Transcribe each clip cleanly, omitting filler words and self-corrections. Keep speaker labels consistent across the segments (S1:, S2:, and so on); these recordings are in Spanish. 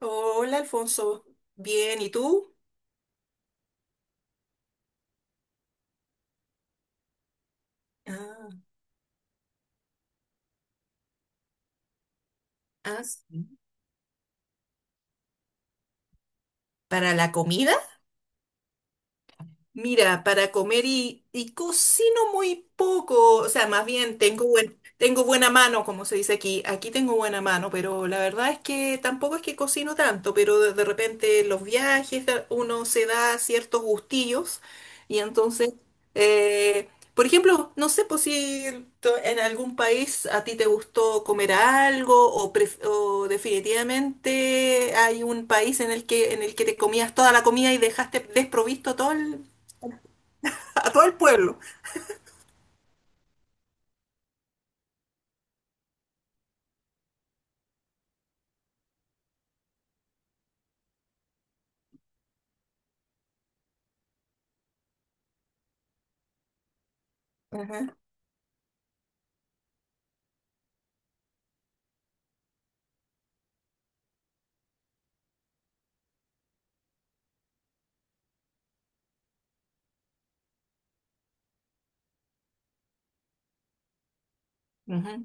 S1: Hola, Alfonso. Bien, ¿y tú? Ah, sí. Para la comida. Mira, para comer y cocino muy poco, o sea, más bien tengo tengo buena mano, como se dice aquí. Aquí tengo buena mano, pero la verdad es que tampoco es que cocino tanto, pero de repente en los viajes uno se da ciertos gustillos y entonces, por ejemplo, no sé, pues si to- en algún país a ti te gustó comer algo o o definitivamente hay un país en el que te comías toda la comida y dejaste desprovisto todo el a todo el pueblo. Ajá, ajá.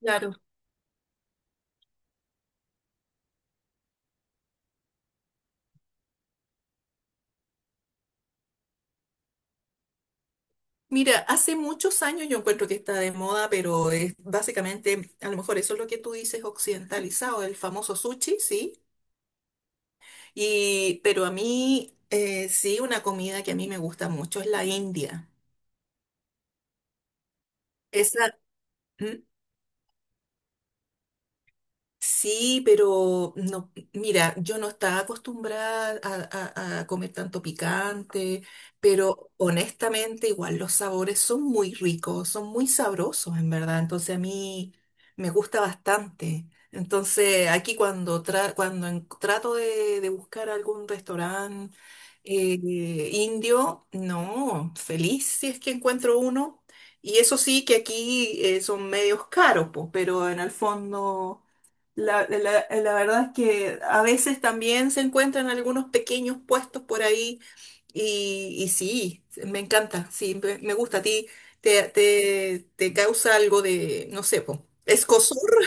S1: Claro. Mira, hace muchos años yo encuentro que está de moda, pero es básicamente, a lo mejor eso es lo que tú dices, occidentalizado, el famoso sushi, sí. Y, pero a mí, sí, una comida que a mí me gusta mucho es la India. Esa, ¿Mm? Sí, pero no, mira, yo no estaba acostumbrada a comer tanto picante, pero honestamente igual los sabores son muy ricos, son muy sabrosos en verdad, entonces a mí me gusta bastante. Entonces aquí cuando trato de buscar algún restaurante indio, no, feliz si es que encuentro uno. Y eso sí que aquí, son medios caros, pues, pero en el fondo... La verdad es que a veces también se encuentran algunos pequeños puestos por ahí y sí, me encanta, sí, me gusta a ti, te causa algo de, no sé, po, escozor.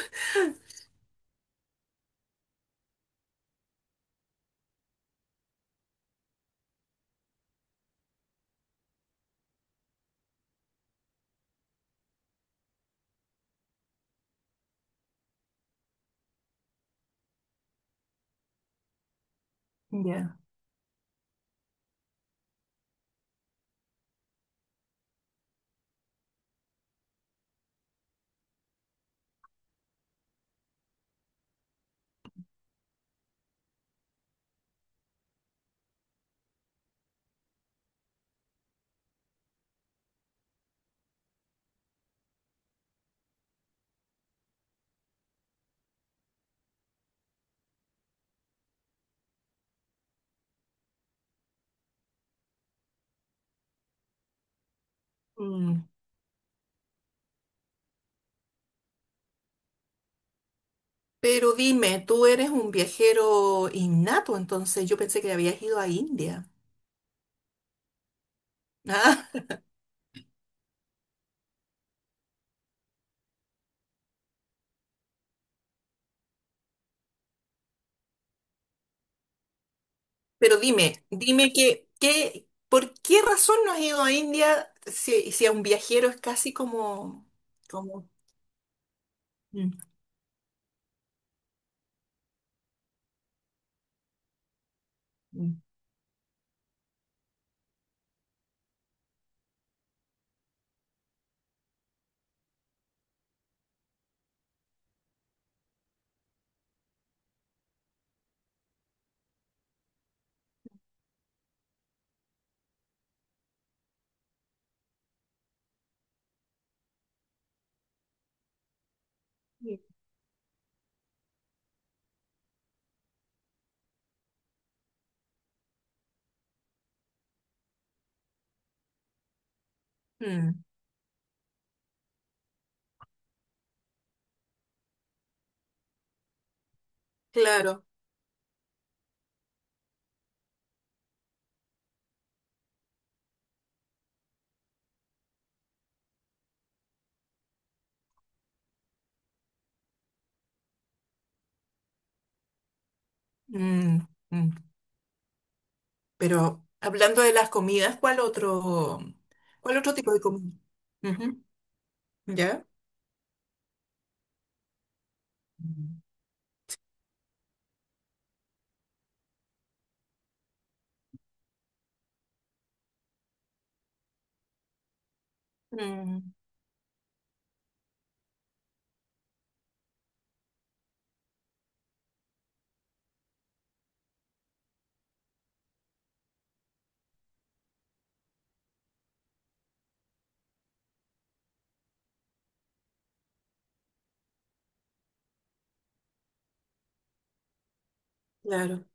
S1: Ya. Mm. Pero dime, tú eres un viajero innato, entonces yo pensé que habías ido a India. Ah, pero dime, ¿por qué razón no has ido a India si, si a un viajero es casi como, como... Mm. Mm. Mm, claro. Mm, mm. Pero hablando de las comidas, ¿cuál otro tipo de comida? Ujú, ¿Ya? Mm. Mm, claro.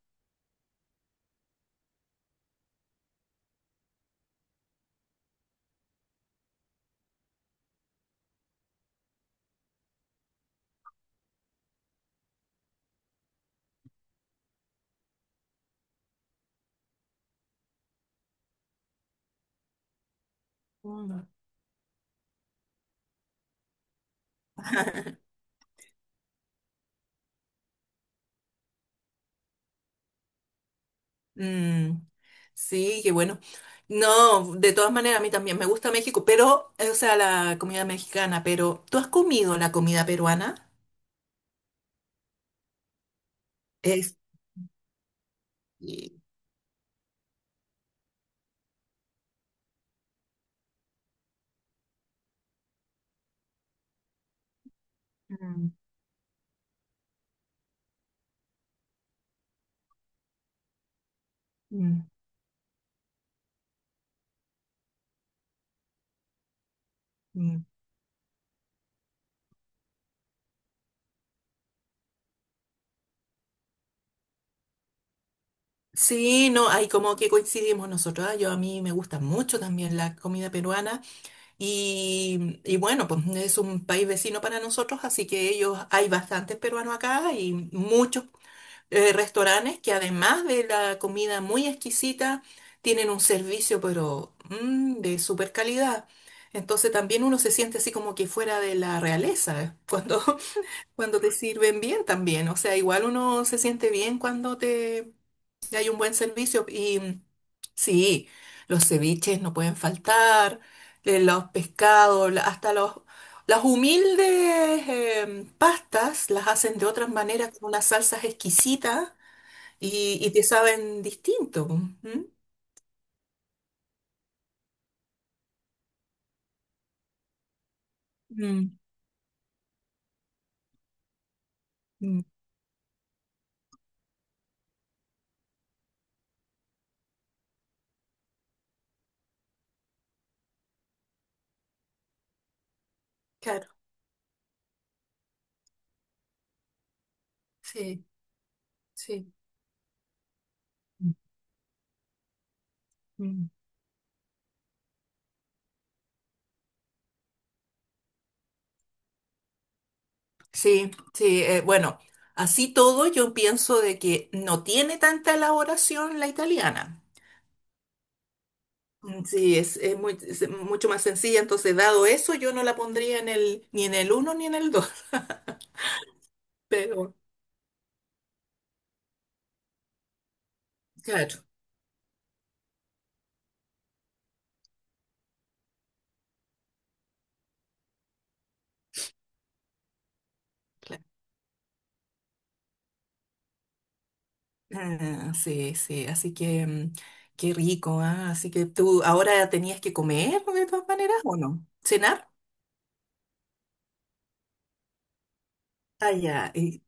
S1: Mm. Mm, sí, qué bueno. No, de todas maneras, a mí también me gusta México, pero, o sea, la comida mexicana, pero ¿tú has comido la comida peruana? Es... y- Mm, mm, mm. Sí, no, ahí como que coincidimos nosotros. Ah, yo a mí me gusta mucho también la comida peruana. Y bueno, pues es un país vecino para nosotros, así que ellos, hay bastantes peruanos acá y muchos restaurantes que además de la comida muy exquisita, tienen un servicio pero mm, de super calidad. Entonces también uno se siente así como que fuera de la realeza cuando, cuando te sirven bien también. O sea, igual uno se siente bien cuando te hay un buen servicio y sí, los ceviches no pueden faltar, los pescados, hasta los, las humildes pastas las hacen de otras maneras con unas salsas exquisitas y te saben distinto. ¿M? Mm, mm, claro, sí. Sí. Mm. Sí, sí, bueno, así todo yo pienso de que no tiene tanta elaboración la italiana. Mm, sí, es muy, es mucho más sencilla, entonces dado eso yo no la pondría en el, ni en el uno ni en el dos. Pero claro, claro. Ah, sí, sí, así que mm, qué rico, ah, así que tú ahora tenías que comer de todas maneras, ¿o no? ¿Cenar? Ah, ya, y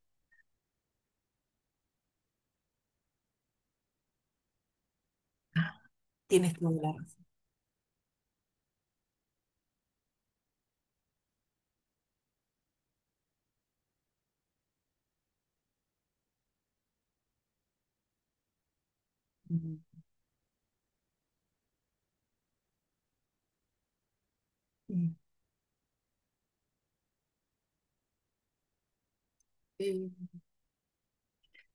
S1: tienes toda la razón. Mm, mm. Sí.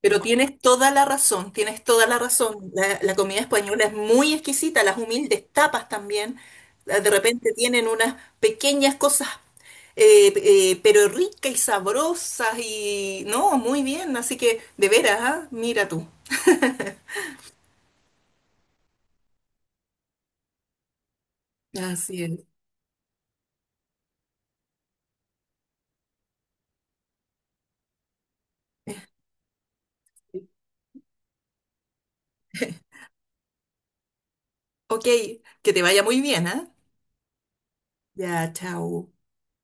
S1: Pero tienes toda la razón, tienes toda la razón. la comida española es muy exquisita, las humildes tapas también. De repente tienen unas pequeñas cosas, pero ricas y sabrosas y... No, muy bien, así que de veras, ¿ah? Mira tú. Así es. Ok, que te vaya muy bien, ¿ah? Ya, chao.